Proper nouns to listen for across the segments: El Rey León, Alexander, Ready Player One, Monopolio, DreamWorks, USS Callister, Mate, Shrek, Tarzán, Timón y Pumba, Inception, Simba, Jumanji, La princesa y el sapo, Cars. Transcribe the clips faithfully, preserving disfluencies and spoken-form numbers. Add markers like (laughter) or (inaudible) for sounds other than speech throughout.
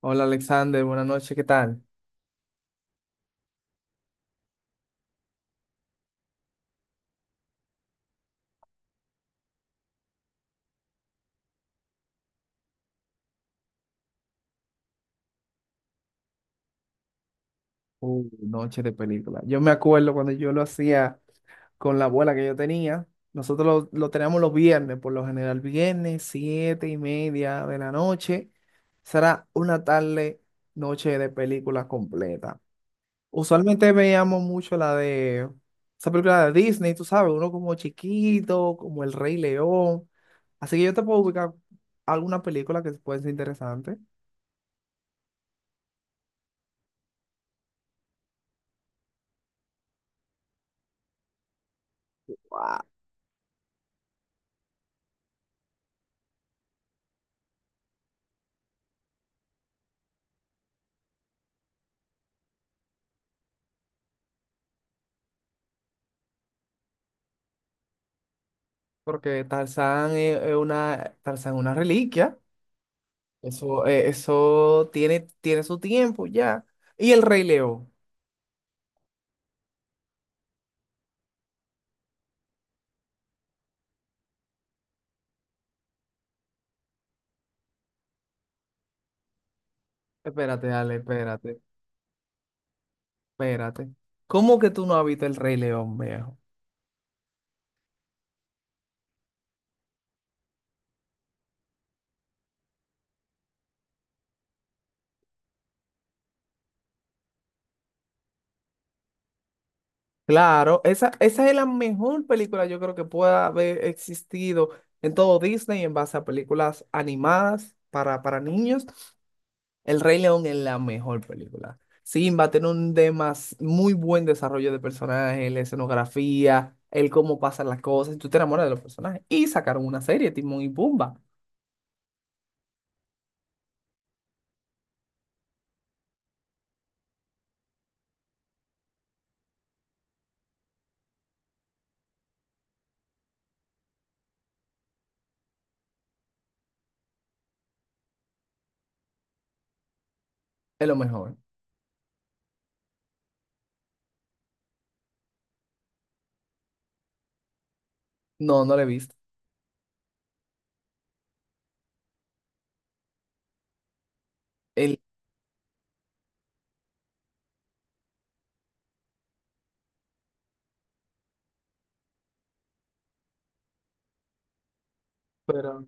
Hola Alexander, buenas noches, ¿qué tal? Uh, noche de película. Yo me acuerdo cuando yo lo hacía con la abuela que yo tenía. Nosotros lo, lo teníamos los viernes, por lo general, viernes, siete y media de la noche. Será una tarde, noche de película completa. Usualmente veíamos mucho la de esa película de Disney, tú sabes, uno como chiquito, como El Rey León. Así que yo te puedo ubicar alguna película que puede ser interesante. Porque Tarzán es es una, Tarzán es una reliquia. Eso, eh, eso tiene, tiene su tiempo ya. Y el Rey León. Espérate, dale, espérate, espérate. ¿Cómo que tú no has visto el Rey León, viejo? Claro, esa, esa es la mejor película yo creo que pueda haber existido en todo Disney en base a películas animadas para, para niños. El Rey León es la mejor película. Simba tiene un demas muy buen desarrollo de personajes, la escenografía, el cómo pasan las cosas, y tú te enamoras de los personajes. Y sacaron una serie, Timón y Pumba, es lo mejor. No, no la he visto. El, Pero,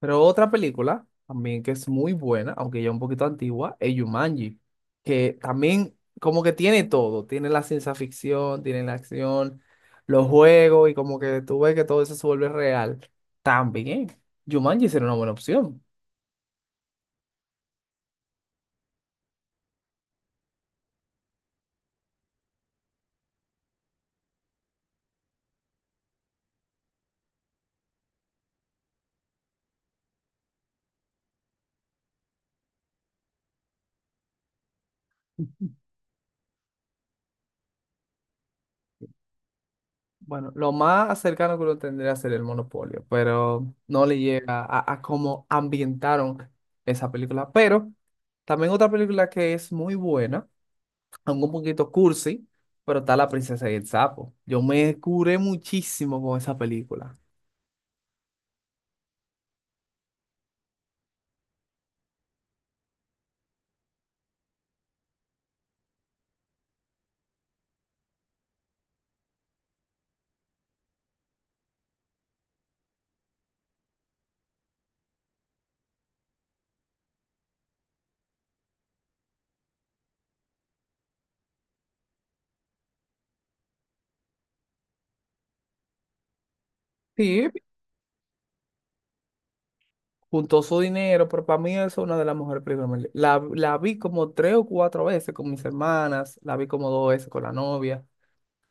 Pero otra película también que es muy buena, aunque ya un poquito antigua, es Jumanji, que también como que tiene todo, tiene la ciencia ficción, tiene la acción, los juegos y como que tú ves que todo eso se vuelve real. También Jumanji sería una buena opción. Bueno, lo más cercano que uno tendría sería el Monopolio, pero no le llega a, a cómo ambientaron esa película. Pero también otra película que es muy buena aunque un poquito cursi, pero está La princesa y el sapo. Yo me curé muchísimo con esa película. Sí, juntó su dinero, pero para mí es una de las mejores películas. La, la vi como tres o cuatro veces con mis hermanas, la vi como dos veces con la novia,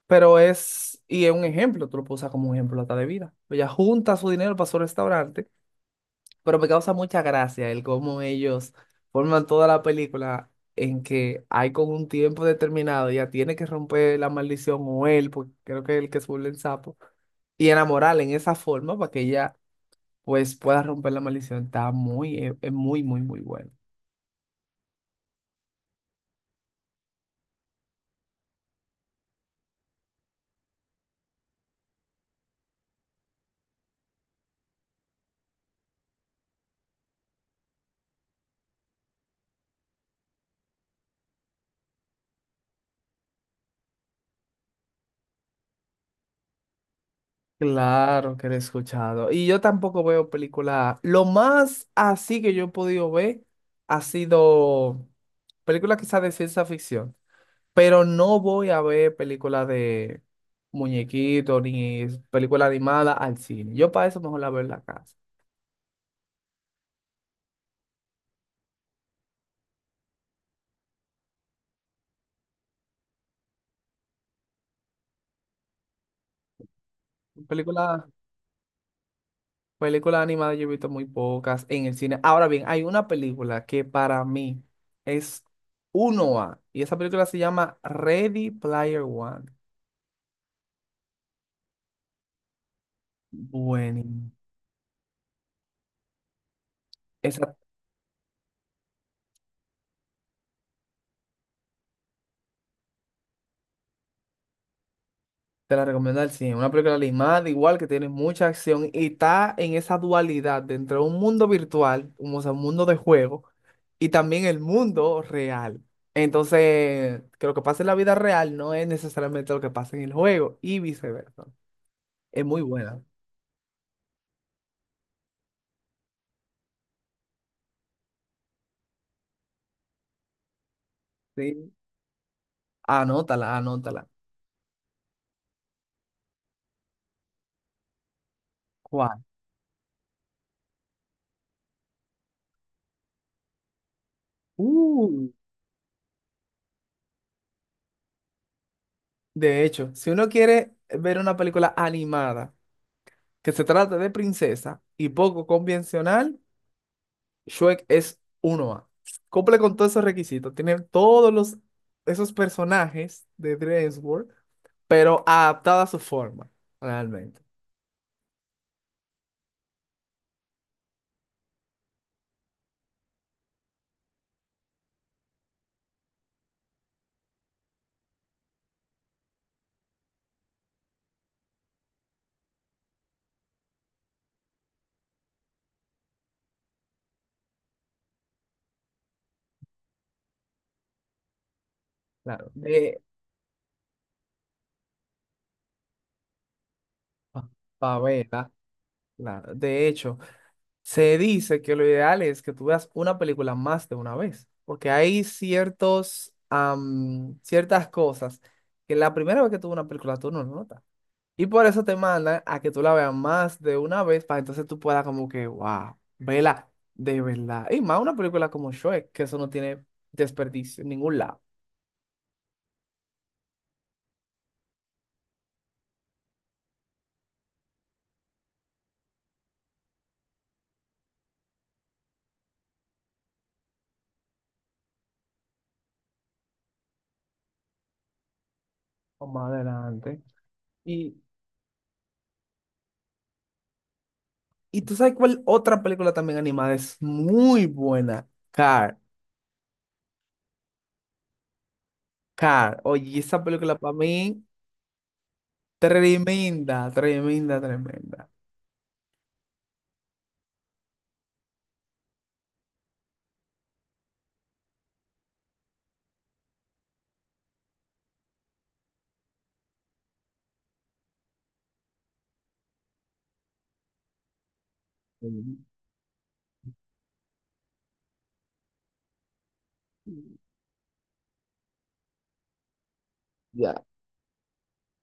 pero es, y es un ejemplo, tú lo puedes usar como un ejemplo hasta de vida. Ella junta su dinero para su restaurante. Pero me causa mucha gracia el cómo ellos forman toda la película en que hay con un tiempo determinado, ya tiene que romper la maldición o él, porque creo que es el que se vuelve el sapo, y enamorarla en esa forma para que ella pues pueda romper la maldición. Está muy, es es muy, muy, muy bueno. Claro que lo he escuchado. Y yo tampoco veo películas. Lo más así que yo he podido ver ha sido películas quizás de ciencia ficción. Pero no voy a ver películas de muñequitos ni películas animadas al cine. Yo para eso mejor la veo en la casa. Películas Películas animadas yo he visto muy pocas en el cine. Ahora bien, hay una película que para mí es uno a y esa película se llama Ready Player One. Bueno, esa te la recomiendo al cien. Una película animada, igual que tiene mucha acción y está en esa dualidad de entre un mundo virtual, como, o sea, un mundo de juego, y también el mundo real. Entonces, que lo que pasa en la vida real no es necesariamente lo que pasa en el juego y viceversa. Es muy buena. Sí. Anótala, anótala. ¿Cuál? Uh, de hecho, si uno quiere ver una película animada que se trate de princesa y poco convencional, Shrek es uno a cumple con todos esos requisitos. Tiene todos los, esos personajes de DreamWorks, pero adaptada a su forma, realmente. Claro. De Pa- Pavela, claro. De hecho, se dice que lo ideal es que tú veas una película más de una vez, porque hay ciertos, am, ciertas cosas que la primera vez que tú ves una película tú no lo notas. Y por eso te mandan a que tú la veas más de una vez para entonces tú puedas como que, wow, vela de verdad. Y más una película como Shrek, que eso no tiene desperdicio en ningún lado. O más adelante. Y, y tú sabes cuál otra película también animada es muy buena. Car, Car. Oye, esa película para mí, tremenda, tremenda, tremenda. Mm, Ya.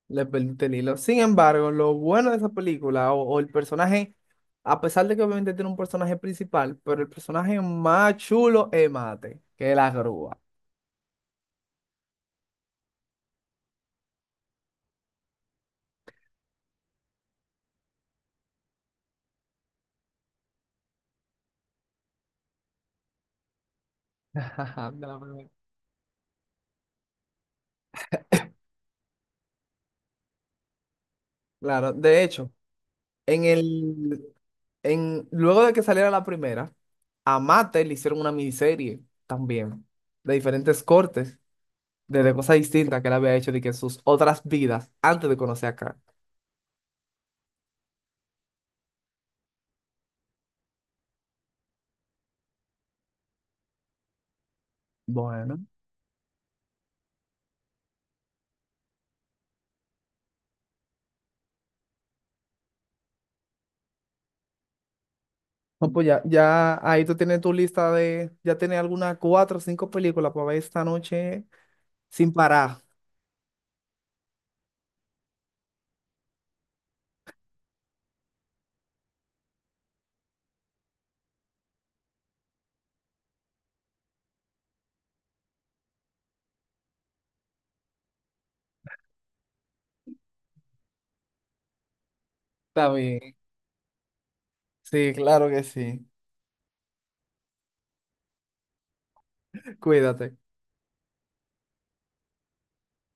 Le perdiste el hilo. Sin embargo, lo bueno de esa película o, o el personaje, a pesar de que obviamente tiene un personaje principal, pero el personaje más chulo es Mate, que es la grúa. (laughs) De la primera. Claro, de hecho, en el, en, luego de que saliera la primera, a Mate le hicieron una miniserie también, de diferentes cortes, de, de cosas distintas que él había hecho de que sus otras vidas antes de conocer a Karen. Bueno. No, pues ya, ya ahí tú tienes tu lista de, ya tienes algunas cuatro o cinco películas para ver esta noche sin parar. Está bien. Sí, claro que sí. Cuídate.